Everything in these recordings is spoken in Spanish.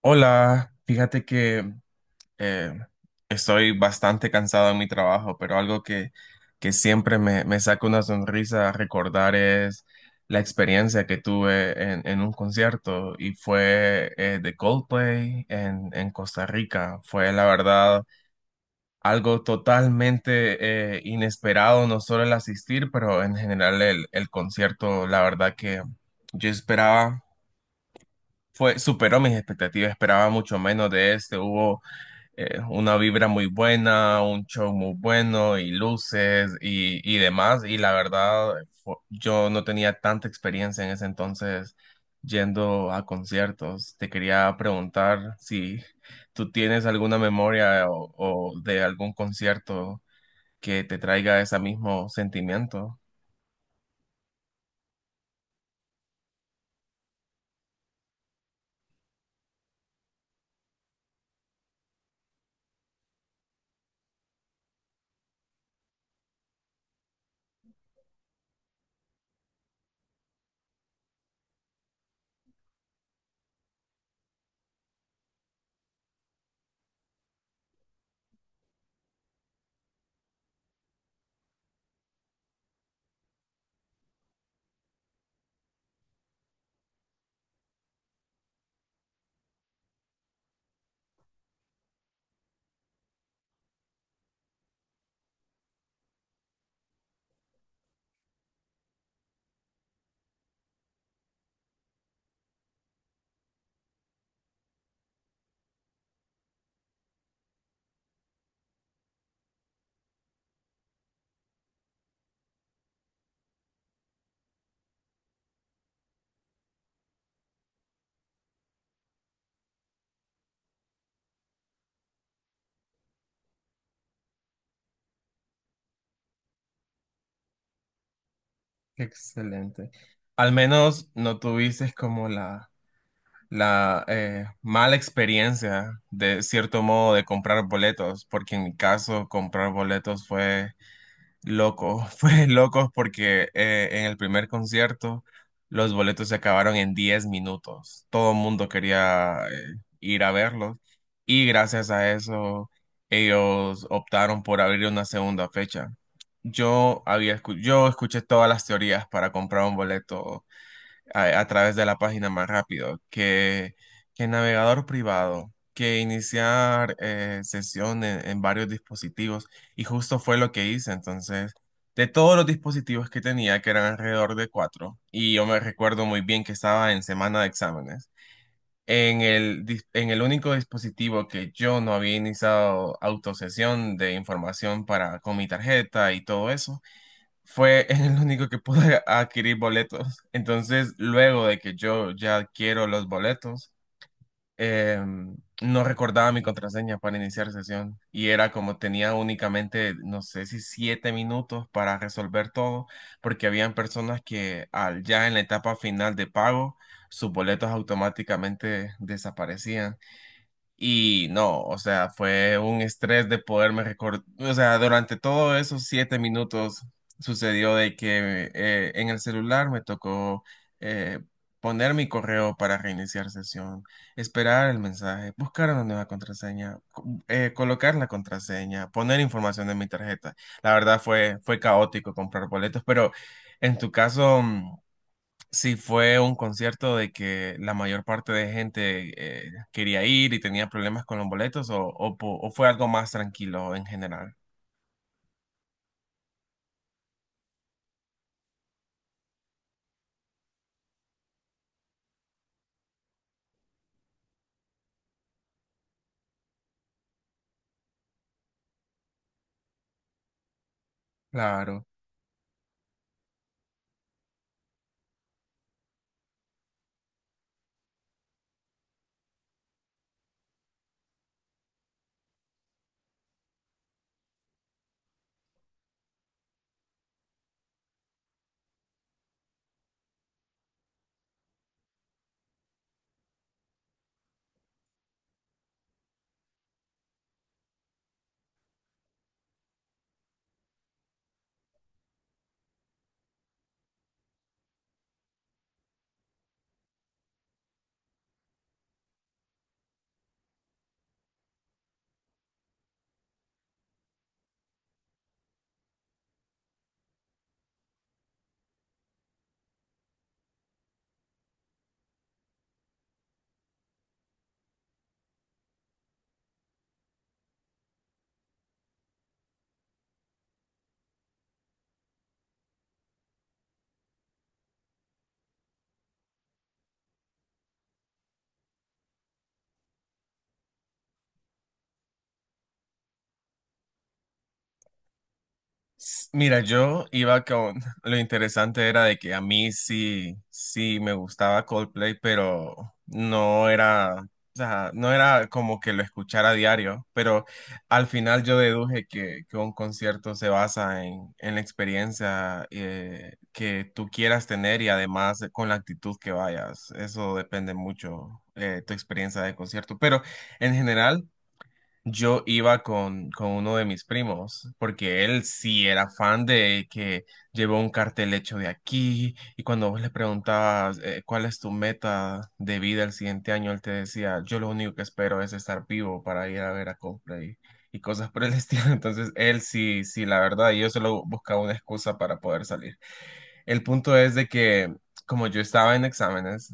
Hola, fíjate que eh, estoy bastante cansado en mi trabajo, pero algo que siempre me saca una sonrisa recordar es la experiencia que tuve en un concierto y fue de Coldplay en Costa Rica. Fue la verdad algo totalmente inesperado, no solo el asistir, pero en general el concierto, la verdad que yo esperaba, fue, superó mis expectativas, esperaba mucho menos de este, hubo una vibra muy buena, un show muy bueno y luces y demás. Y la verdad, yo no tenía tanta experiencia en ese entonces yendo a conciertos. Te quería preguntar si tú tienes alguna memoria o de algún concierto que te traiga ese mismo sentimiento. Excelente. Al menos no tuviste como la mala experiencia de cierto modo de comprar boletos, porque en mi caso comprar boletos fue loco, fue loco porque en el primer concierto los boletos se acabaron en 10 minutos, todo el mundo quería ir a verlos y gracias a eso ellos optaron por abrir una segunda fecha. Yo escuché todas las teorías para comprar un boleto a través de la página más rápido que el navegador privado, que iniciar sesión en varios dispositivos y justo fue lo que hice. Entonces, de todos los dispositivos que tenía, que eran alrededor de 4, y yo me recuerdo muy bien que estaba en semana de exámenes. En el único dispositivo que yo no había iniciado autosesión de información para, con mi tarjeta y todo eso, fue el único que pude adquirir boletos. Entonces, luego de que yo ya adquiero los boletos, eh, no recordaba mi contraseña para iniciar sesión y era como tenía únicamente, no sé si 7 minutos para resolver todo, porque habían personas que al, ya en la etapa final de pago, sus boletos automáticamente desaparecían. Y no, o sea, fue un estrés de poderme recordar, o sea, durante todos esos 7 minutos sucedió de que en el celular me tocó eh, poner mi correo para reiniciar sesión, esperar el mensaje, buscar una nueva contraseña, colocar la contraseña, poner información en mi tarjeta. La verdad fue, fue caótico comprar boletos, pero en tu caso... sí, fue un concierto de que la mayor parte de gente quería ir y tenía problemas con los boletos o fue algo más tranquilo en general. Claro. Mira, yo iba con... Lo interesante era de que a mí sí, sí me gustaba Coldplay, pero no era, o sea, no era como que lo escuchara a diario, pero al final yo deduje que un concierto se basa en la experiencia que tú quieras tener y además con la actitud que vayas. Eso depende mucho tu experiencia de concierto, pero en general... Yo iba con uno de mis primos, porque él sí era fan de que llevó un cartel hecho de aquí, y cuando vos le preguntabas cuál es tu meta de vida el siguiente año, él te decía, yo lo único que espero es estar vivo para ir a ver a Coldplay y cosas por el estilo. Entonces, él sí, sí, la verdad, yo solo buscaba una excusa para poder salir. El punto es de que, como yo estaba en exámenes,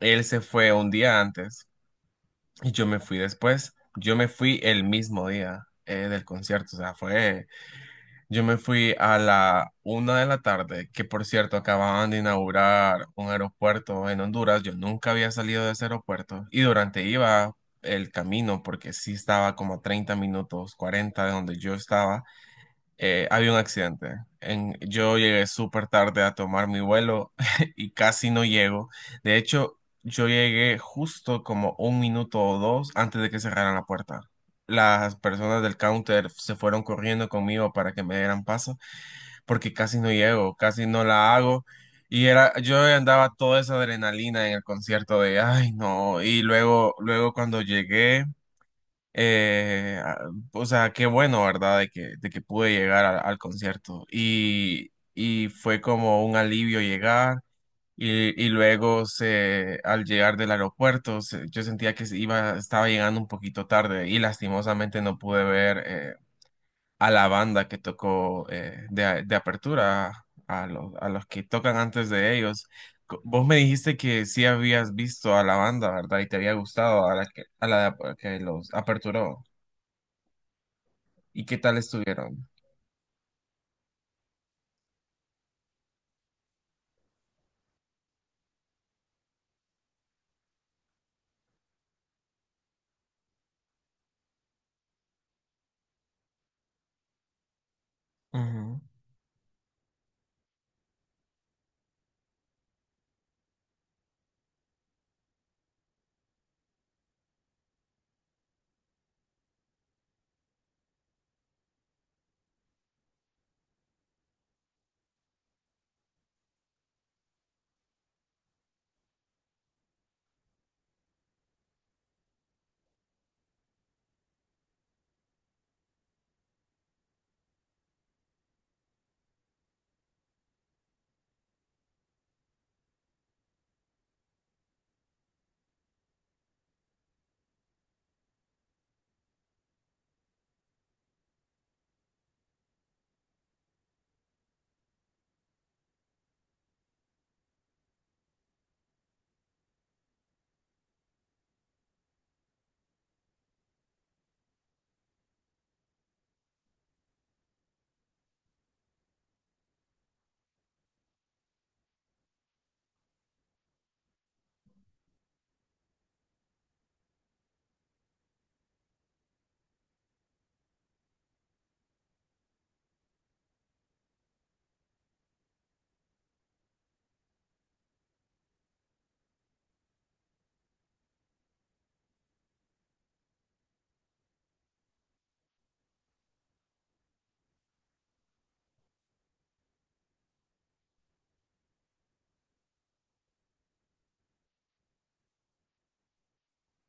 él se fue un día antes y yo me fui después, yo me fui el mismo día del concierto, o sea, fue, yo me fui a la una de la tarde, que por cierto acababan de inaugurar un aeropuerto en Honduras, yo nunca había salido de ese aeropuerto y durante iba el camino, porque sí estaba como a 30 minutos, 40 de donde yo estaba, había un accidente. Yo llegué súper tarde a tomar mi vuelo y casi no llego. De hecho, yo llegué justo como un minuto o dos antes de que cerraran la puerta. Las personas del counter se fueron corriendo conmigo para que me dieran paso porque casi no llego, casi no la hago. Y era, yo andaba toda esa adrenalina en el concierto de, ay, no. Y luego, luego cuando llegué... O sea, qué bueno, ¿verdad? De que pude llegar al concierto. Y fue como un alivio llegar. Y luego se, al llegar del aeropuerto, yo sentía que se iba, estaba llegando un poquito tarde y lastimosamente no pude ver a la banda que tocó de apertura, a los que tocan antes de ellos. Vos me dijiste que sí habías visto a la banda, ¿verdad? Y te había gustado a la que los aperturó. ¿Y qué tal estuvieron?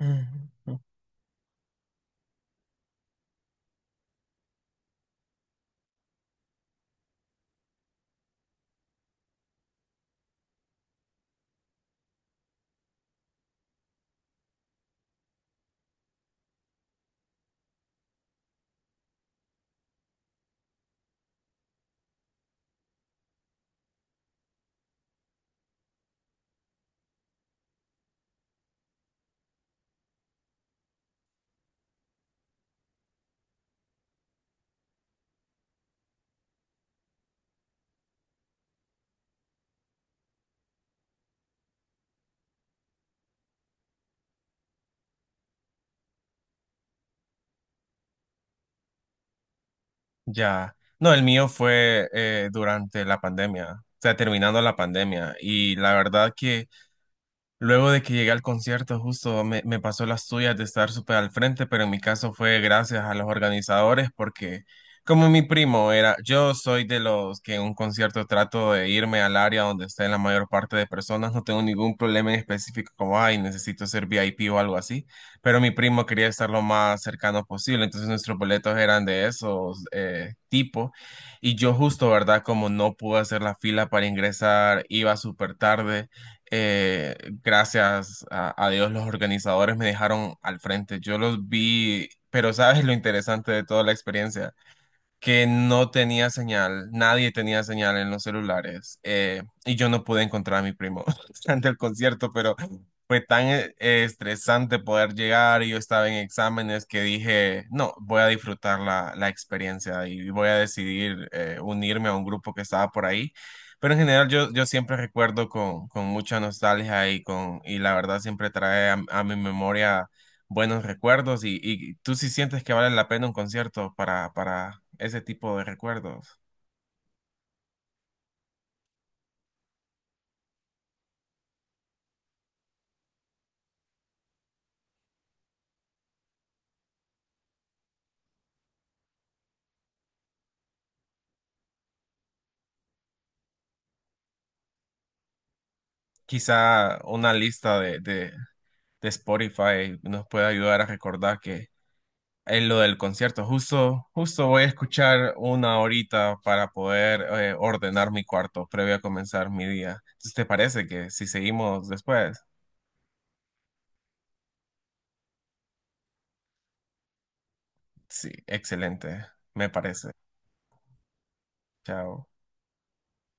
Ujú, ujú. Ya. No, el mío fue durante la pandemia, o sea, terminando la pandemia. Y la verdad que luego de que llegué al concierto, justo me, me pasó las tuyas de estar súper al frente, pero en mi caso fue gracias a los organizadores porque como mi primo era, yo soy de los que en un concierto trato de irme al área donde estén la mayor parte de personas, no tengo ningún problema en específico como, ay, necesito ser VIP o algo así, pero mi primo quería estar lo más cercano posible, entonces nuestros boletos eran de esos tipo. Y yo justo, ¿verdad? Como no pude hacer la fila para ingresar, iba súper tarde. Eh, gracias a Dios los organizadores me dejaron al frente. Yo los vi, pero ¿sabes lo interesante de toda la experiencia? Que no tenía señal, nadie tenía señal en los celulares y yo no pude encontrar a mi primo ante el concierto, pero fue tan estresante poder llegar y yo estaba en exámenes que dije, no, voy a disfrutar la experiencia y voy a decidir unirme a un grupo que estaba por ahí. Pero en general yo siempre recuerdo con mucha nostalgia y, con, y la verdad siempre trae a mi memoria buenos recuerdos y tú sí sientes que vale la pena un concierto para ese tipo de recuerdos. Quizá una lista de Spotify nos puede ayudar a recordar que es lo del concierto. Justo, justo voy a escuchar una horita para poder ordenar mi cuarto previo a comenzar mi día. Entonces, ¿te parece que si seguimos después? Sí, excelente, me parece. Chao.